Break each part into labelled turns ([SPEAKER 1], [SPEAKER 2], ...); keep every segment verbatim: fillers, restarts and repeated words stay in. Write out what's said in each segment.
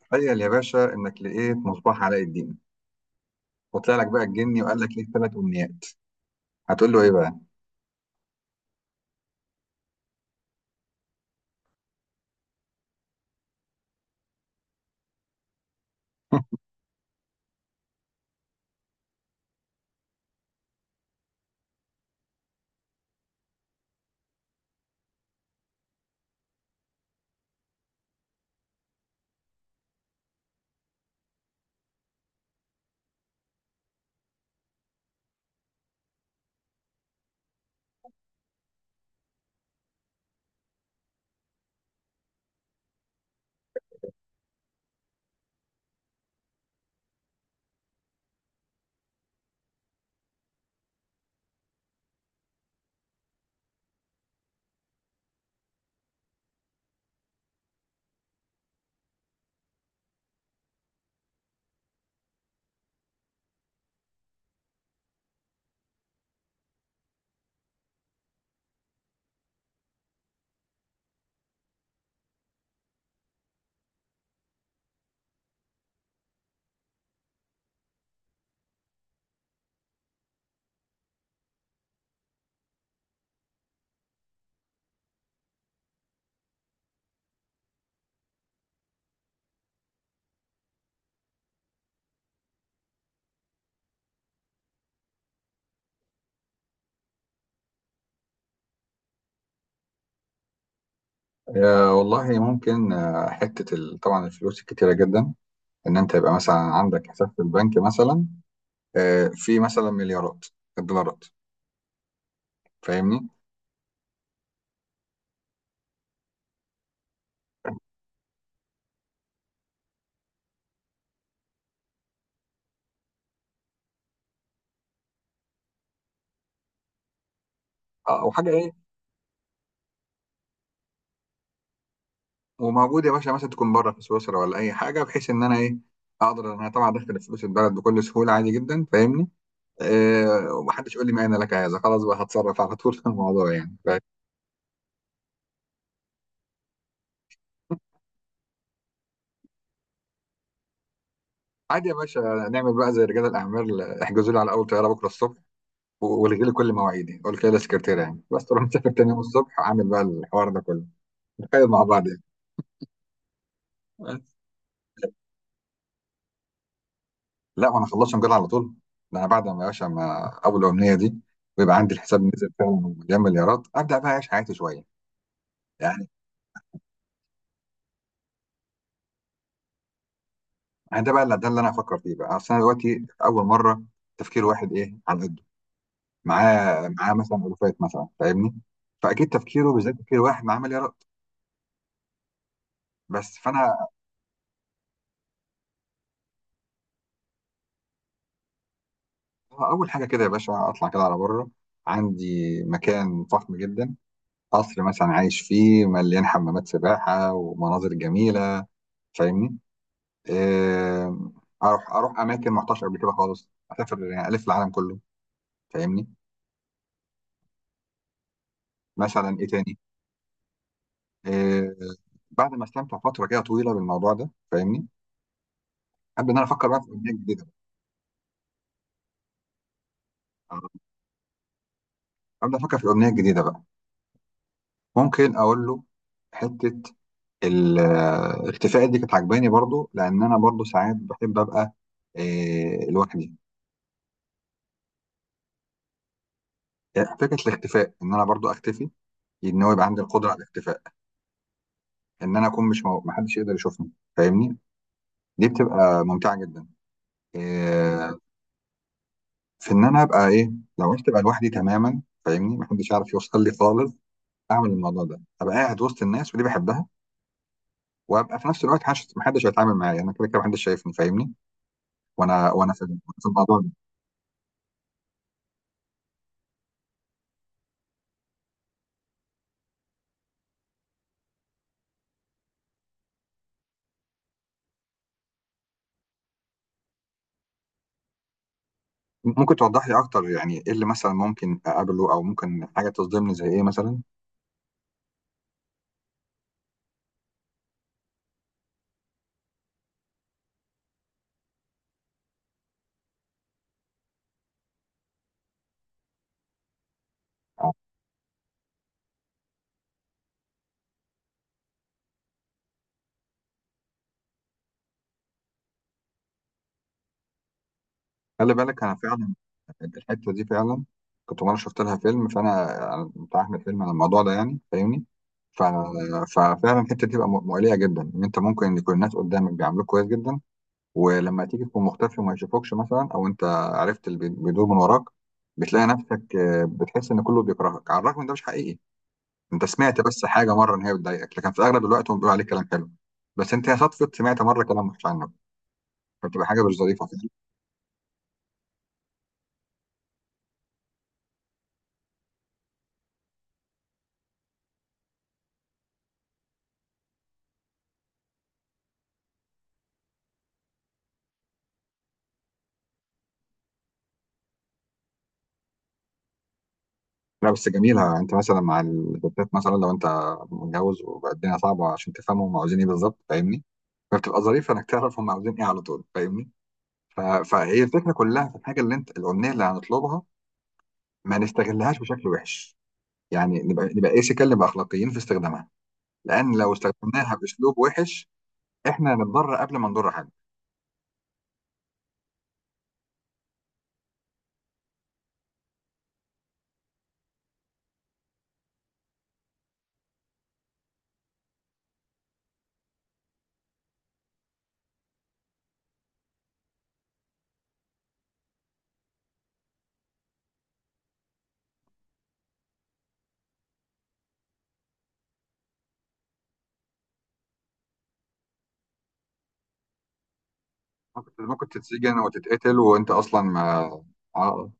[SPEAKER 1] تخيل يا باشا انك لقيت مصباح علاء الدين، وطلع لك بقى الجني وقال لك ليك ثلاث امنيات. هتقول له ايه بقى؟ يا والله ممكن، آه، حته ال- طبعا الفلوس الكتيره جدا. ان انت يبقى مثلا عندك حساب في البنك، مثلا آه، في مثلا مليارات الدولارات. فاهمني؟ آه، وحاجه ايه. وموجود يا باشا، مثلا تكون بره في سويسرا ولا اي حاجه، بحيث ان انا ايه، اقدر ان انا طبعا ادخل فلوس البلد بكل سهوله، عادي جدا. فاهمني؟ آه، ومحدش يقول لي ما انا لك عايزه، خلاص بقى هتصرف على طول في الموضوع يعني. عادي يا باشا. نعمل بقى زي رجال الاعمال، احجزوا لي على اول طياره بكره الصبح، والغي لي كل مواعيدي، قول كده للسكرتيره، يعني بس تروح مسافر تاني يوم الصبح، اعمل بقى الحوار ده كله. نتخيل مع بعض يعني. بس. لا وانا خلصت مجال على طول، ده انا بعد ما يا باشا ما اول الامنيه دي ويبقى عندي الحساب نزل فعلا، مليان مليارات، ابدا بقى اعيش حياتي شويه يعني. أنا ده بقى اللي ده اللي انا هفكر فيه بقى، اصل انا دلوقتي اول مره تفكير واحد ايه على قده، معاه معاه مثلا الوفات مثلا. فاهمني؟ فاكيد تفكيره بالذات تفكير واحد معاه مليارات بس. فانا اول حاجه كده يا باشا، اطلع كده على بره، عندي مكان فخم جدا، قصر مثلا عايش فيه، مليان حمامات سباحه ومناظر جميله. فاهمني؟ آه، اروح اروح اماكن ما رحتهاش قبل كده خالص، اسافر يعني الف العالم كله. فاهمني؟ مثلا ايه تاني؟ آه، بعد ما استمتع فتره كده طويله بالموضوع ده. فاهمني؟ ابدا ان انا افكر بقى في اغنيه جديده بقى. ابدا افكر في اغنيه جديده بقى. ممكن اقول له حته الاختفاء دي كانت عجباني برضو، لان انا برضو ساعات بحب ابقى آه، لوحدي. آه، فكره الاختفاء ان انا برضو اختفي، ان هو يبقى عندي القدره على الاختفاء، ان انا اكون مش مو... محدش يقدر يشوفني. فاهمني؟ دي بتبقى ممتعه جدا. آه، في ان انا ابقى ايه، لو عرفت ابقى لوحدي تماما، فاهمني، محدش يعرف يوصل لي خالص، اعمل الموضوع ده، ابقى قاعد وسط الناس ودي بحبها، وابقى في نفس الوقت محدش محدش هيتعامل معايا، انا كده كده محدش شايفني. فاهمني؟ وانا وانا في في الموضوع ده. ممكن توضح لي اكتر؟ يعني ايه اللي مثلا ممكن اقابله، او ممكن حاجه تصدمني زي ايه مثلا؟ آه، خلي بالك، انا فعلا الحته دي فعلا، كنت مره شفت لها فيلم، فانا أنا بتاع احمد فيلم على الموضوع ده يعني. فاهمني؟ ف... ففعلا الحته دي بتبقى م- مؤليه جدا، ان انت ممكن يكون الناس قدامك بيعاملوك كويس جدا، ولما تيجي تكون مختفي وما يشوفوكش، مثلا او انت عرفت اللي بي- بيدور من وراك، بتلاقي نفسك آه، بتحس ان كله بيكرهك على الرغم ان ده مش حقيقي. انت سمعت بس حاجه مره ان هي بتضايقك، لكن في اغلب الوقت هم بيقولوا عليك كلام حلو. بس انت يا صدفه سمعت مره كلام وحش عنك، فبتبقى حاجه مش ظريفه فعلا. لا بس جميله، انت مثلا مع الستات مثلا، لو انت متجوز وبقى الدنيا صعبه عشان تفهموا هم عاوزين ايه بالظبط. فاهمني؟ فبتبقى ظريفه انك تعرف هم عاوزين ايه على طول. فاهمني؟ ف... فهي الفكره كلها في الحاجه اللي انت الامنيه اللي هنطلبها، ما نستغلهاش بشكل وحش. يعني نبقى نبقى ايه، سكال، نبقى اخلاقيين في استخدامها. لان لو استخدمناها باسلوب وحش، احنا هنتضرر قبل ما نضر حد. كنت ممكن تتسجن أو تتقتل وأنت أصلا ما. آه،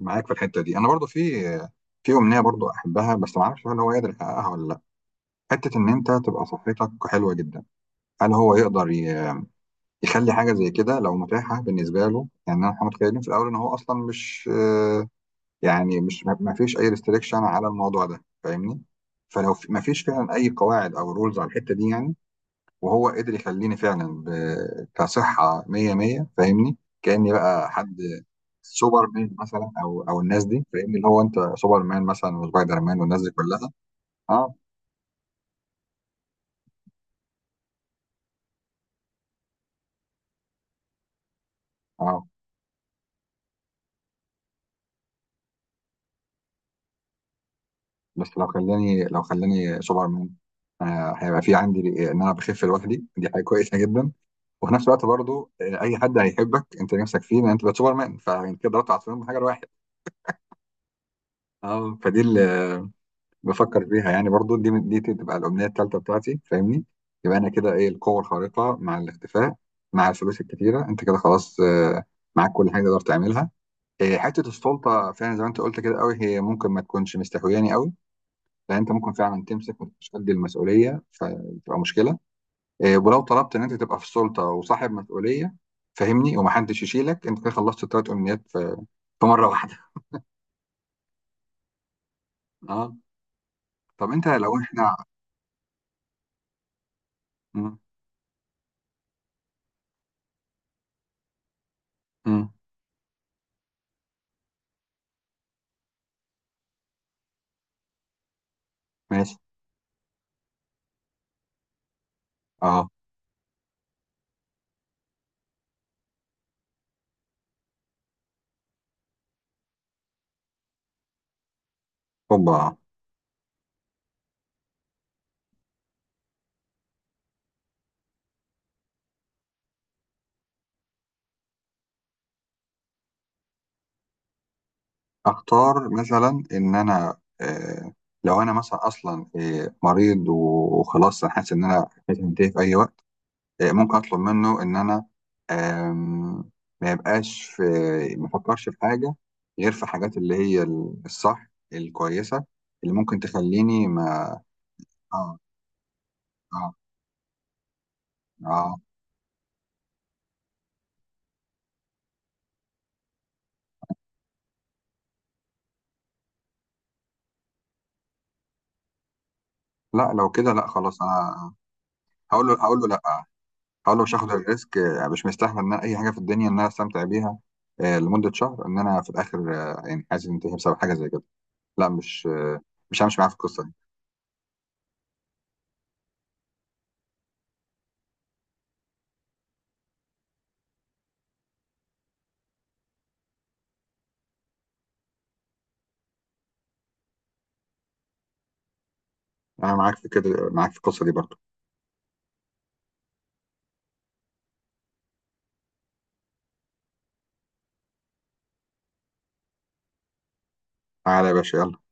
[SPEAKER 1] معاك في الحتة دي، أنا برضو في في أمنية برضو أحبها، بس ما أعرفش هل هو يقدر يحققها ولا لأ. حتة إن أنت تبقى صحتك حلوة جدا، هل هو يقدر ي- يخلي حاجة زي كده لو متاحة بالنسبة له، يعني احنا متخيلين في الأول إن هو أصلا مش آه، يعني مش ما ما فيش أي ريستريكشن على الموضوع ده. فاهمني؟ فلو في- ما فيش فعلا أي قواعد أو رولز على الحتة دي يعني، وهو قدر يخليني فعلا ب... كصحة مية مية، فاهمني، كأني بقى حد سوبر مان مثلا او او الناس دي، فاهمني، اللي هو انت سوبر مان مثلا وسبايدر مان والناس دي كلها. اه، اه. بس لو خلاني لو خلاني سوبر مان، آه هيبقى في عندي ان انا بخف لوحدي، دي حاجه كويسه جدا، وفي نفس الوقت برضو آه، اي حد هيحبك انت نفسك فيه ان انت بقى سوبر مان، فانت كده ضربت عصفورين بحجر واحد. اه، فدي ال- بفكر فيها يعني برضو، دي دي تبقى الأمنية التالتة بتاعتي. فاهمني؟ يبقى أنا كده إيه، القوة الخارقة مع الاختفاء مع الفلوس الكتيرة، أنت كده خلاص، آه، معاك كل حاجة تقدر تعملها. آه، حتة السلطة فعلا، زي ما أنت قلت كده قوي، هي ممكن ما تكونش مستهوياني قوي، لأن أنت ممكن فعلا تمسك ومش قد المسؤولية فتبقى مشكلة. آه، ولو طلبت إن أنت تبقى في السلطة وصاحب مسؤولية، فاهمني، ومحدش يشيلك، أنت كده خلصت التلات أمنيات في في مرة واحدة. أه. طب أنت لو إحنا م- م- ماشي. أه. هوبا. اختار مثلا ان انا آه، لو انا مثلا اصلا آه، مريض وخلاص، انا حاسس ان انا هتنتهي في اي وقت، آه، ممكن اطلب منه ان انا، آم، ما يبقاش في، ما افكرش في حاجه غير في حاجات اللي هي الصح، الكويسه اللي ممكن تخليني ما. اه، اه، اه. لا، لو كده لا خلاص انا، هقول له هقول له لا، هقول له مش هاخد الريسك، آه، مش مستحمل ان أنا اي حاجه في الدنيا ان انا استمتع بيها آه، لمده شهر ان انا في الاخر، آه، يعني حاسس انتهي بسبب حاجه زي كده. لا، مش آه، مش همشي معاك في القصه دي. انا معاك في كده، معاك في القصه دي برضو. تعالى يا باشا، يلا.